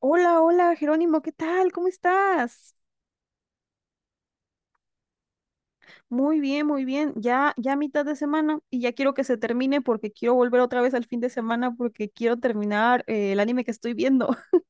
Hola, hola, Jerónimo, ¿qué tal? ¿Cómo estás? Muy bien, muy bien. Ya, ya mitad de semana y ya quiero que se termine porque quiero volver otra vez al fin de semana porque quiero terminar el anime que estoy viendo.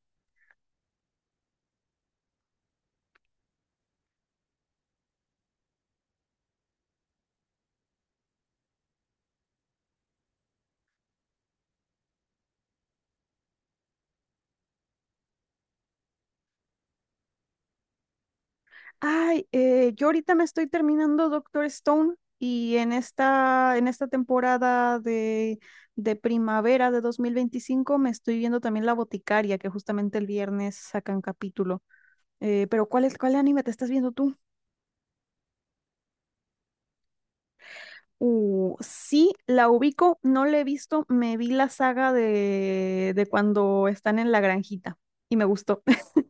Ay, yo ahorita me estoy terminando Doctor Stone y en esta temporada de, primavera de 2025 me estoy viendo también La Boticaria, que justamente el viernes sacan capítulo. Pero cuál anime te estás viendo tú? Sí, la ubico, no la he visto, me vi la saga de cuando están en la granjita y me gustó.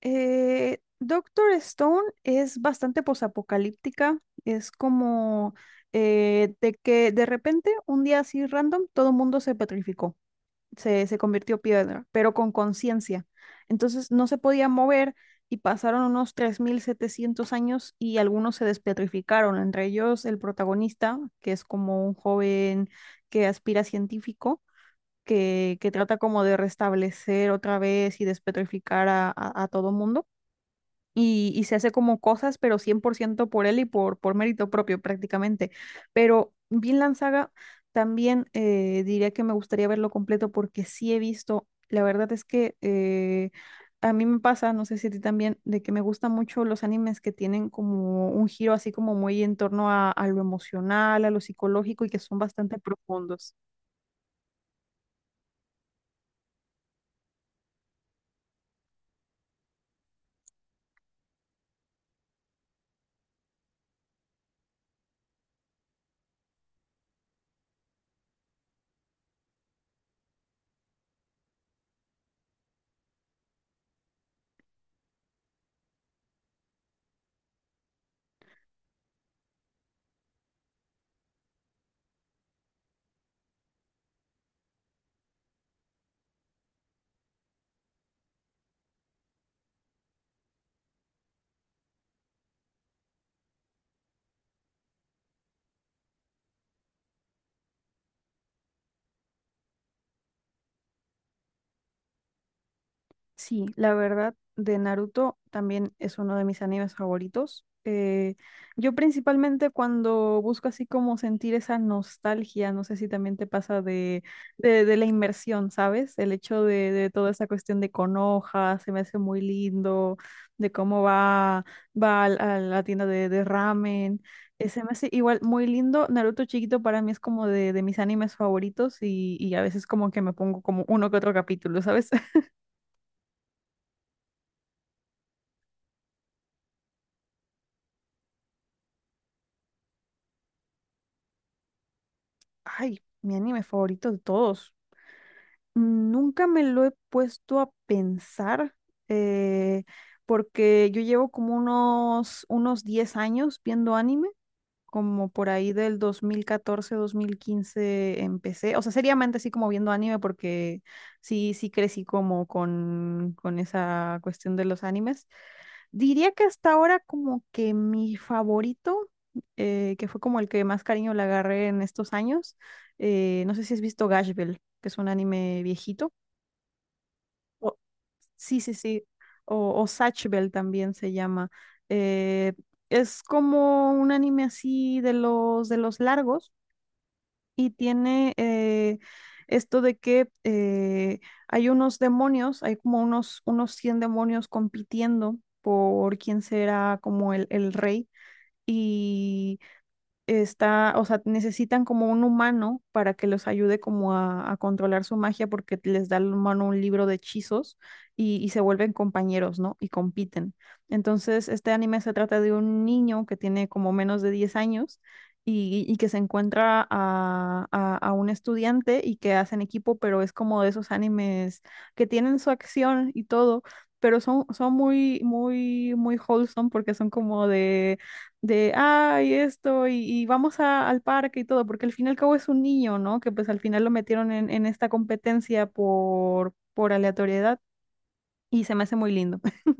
Doctor Stone es bastante posapocalíptica, es como de que de repente, un día así random, todo el mundo se petrificó. Se convirtió piedra, pero con conciencia. Entonces no se podía mover y pasaron unos 3,700 años y algunos se despetrificaron, entre ellos el protagonista, que es como un joven que aspira a científico, que trata como de restablecer otra vez y despetrificar a todo mundo y se hace como cosas, pero 100% por ciento por él y por mérito propio prácticamente. Pero Vinland Saga también diría que me gustaría verlo completo porque sí he visto, la verdad es que a mí me pasa, no sé si a ti también, de que me gustan mucho los animes que tienen como un giro así como muy en torno a lo emocional, a lo psicológico y que son bastante profundos. Sí, la verdad, de Naruto también es uno de mis animes favoritos. Yo principalmente cuando busco así como sentir esa nostalgia, no sé si también te pasa de la inmersión, ¿sabes? El hecho de toda esa cuestión de Konoha, se me hace muy lindo, de cómo va, a la tienda de ramen. Se me hace igual muy lindo. Naruto chiquito para mí es como de mis animes favoritos y a veces como que me pongo como uno que otro capítulo, ¿sabes? Ay, mi anime favorito de todos. Nunca me lo he puesto a pensar, eh, porque yo llevo como unos 10 años viendo anime, como por ahí del 2014, 2015 empecé. O sea, seriamente sí como viendo anime, porque sí, sí crecí como con esa cuestión de los animes. Diría que hasta ahora como que mi favorito, que fue como el que más cariño le agarré en estos años, no sé si has visto Gash Bell, que es un anime viejito. o- Sí, sí, sí. O Zatch Bell también se llama. Eh, es como un anime así de los largos, y tiene esto de que hay unos demonios, hay como unos 100 demonios compitiendo por quién será como el rey. Y está, o sea, necesitan como un humano para que los ayude como a controlar su magia porque les da al humano un libro de hechizos y se vuelven compañeros, ¿no? Y compiten. Entonces, este anime se trata de un niño que tiene como menos de 10 años y que se encuentra a un estudiante y que hacen equipo, pero es como de esos animes que tienen su acción y todo. Pero son muy, muy, muy wholesome porque son como de, ay, esto, y al parque y todo, porque al fin y al cabo es un niño, ¿no? Que pues al final lo metieron en esta competencia por aleatoriedad y se me hace muy lindo.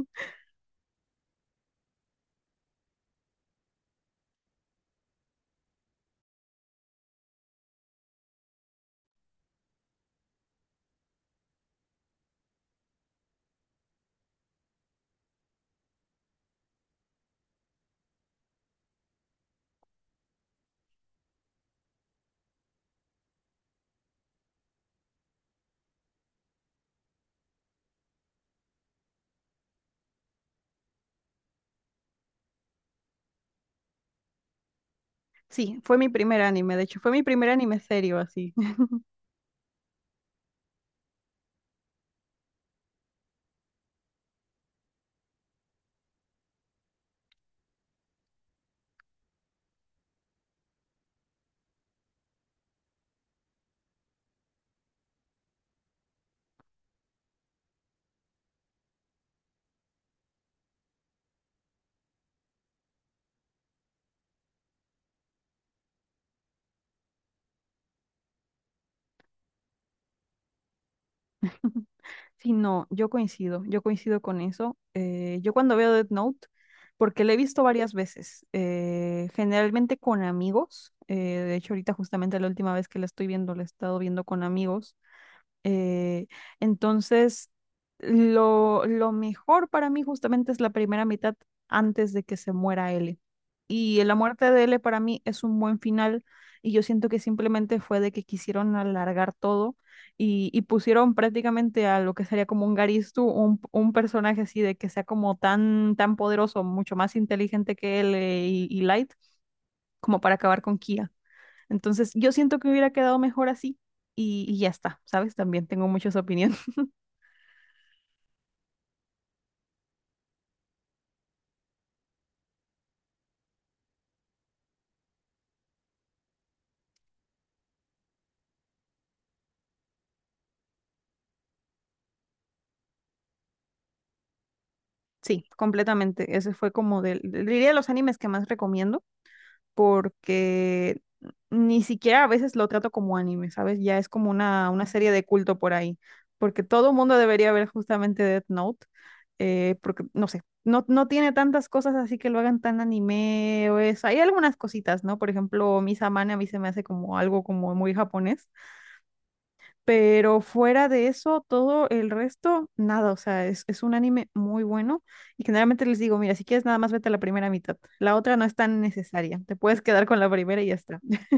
Sí, fue mi primer anime, de hecho, fue mi primer anime serio, así. Sí, no, yo coincido con eso. Yo cuando veo Death Note, porque lo he visto varias veces, generalmente con amigos, de hecho ahorita justamente la última vez que la estoy viendo, la he estado viendo con amigos. Eh, entonces, lo mejor para mí justamente es la primera mitad antes de que se muera L. Y la muerte de L para mí es un buen final y, yo siento que simplemente fue de que quisieron alargar todo y pusieron prácticamente a lo que sería como un Garistu, un personaje así de que sea como tan, tan poderoso, mucho más inteligente que él y Light, como para acabar con Kia. Entonces, yo siento que hubiera quedado mejor así y ya está, ¿sabes? También tengo muchas opiniones. Sí, completamente. Ese fue como del, diría de los animes que más recomiendo porque ni siquiera a veces lo trato como anime, ¿sabes? Ya es como una serie de culto por ahí, porque todo mundo debería ver justamente Death Note, porque no sé, no, no tiene tantas cosas así que lo hagan tan anime o eso. Hay algunas cositas, ¿no? Por ejemplo, Misamane a mí se me hace como algo como muy japonés. Pero fuera de eso, todo el resto, nada, o sea, es un anime muy bueno y generalmente les digo, mira, si quieres nada más vete a la primera mitad, la otra no es tan necesaria, te puedes quedar con la primera y ya está.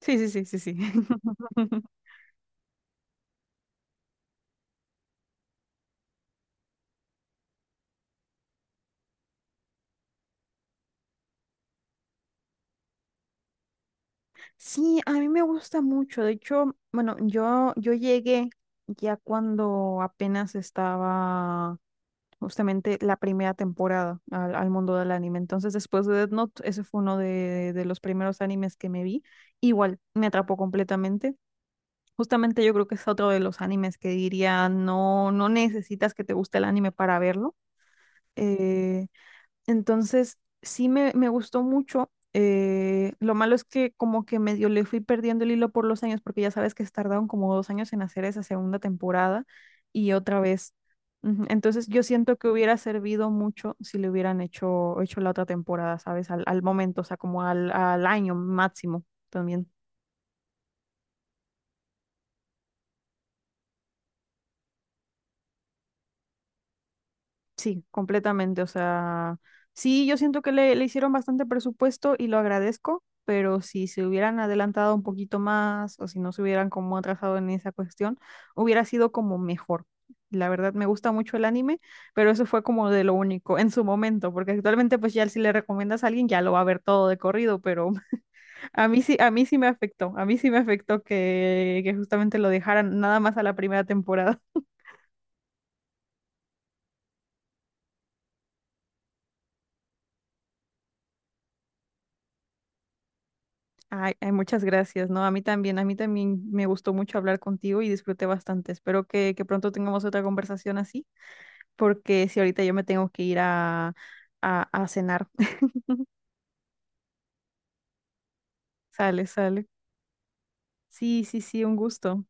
Sí, sí, sí, sí, sí. Sí, a mí me gusta mucho, de hecho, bueno, yo llegué ya cuando apenas estaba justamente la primera temporada al, al mundo del anime, entonces después de Death Note, ese fue uno de los primeros animes que me vi, igual, me atrapó completamente. Justamente yo creo que es otro de los animes que diría, no, no necesitas que te guste el anime para verlo. Eh, entonces, sí me gustó mucho. Lo malo es que como que medio le fui perdiendo el hilo por los años, porque ya sabes que tardaron como 2 años en hacer esa segunda temporada y otra vez. Ujú. Entonces, yo siento que hubiera servido mucho si le hubieran hecho la otra temporada, ¿sabes? Al momento, o sea, como al año máximo también. Sí, completamente. O sea, sí, yo siento que le hicieron bastante presupuesto y lo agradezco, pero si se hubieran adelantado un poquito más o si no se hubieran como atrasado en esa cuestión, hubiera sido como mejor. La verdad, me gusta mucho el anime, pero eso fue como de lo único en su momento, porque actualmente pues ya si le recomiendas a alguien ya lo va a ver todo de corrido, pero a mí sí me afectó, a mí sí me afectó que justamente lo dejaran nada más a la primera temporada. Ay, ay, muchas gracias, ¿no? A mí también me gustó mucho hablar contigo y disfruté bastante. Espero que pronto tengamos otra conversación así, porque si ahorita yo me tengo que ir a, a cenar. Sale, sale. Sí, sí, sí, un gusto.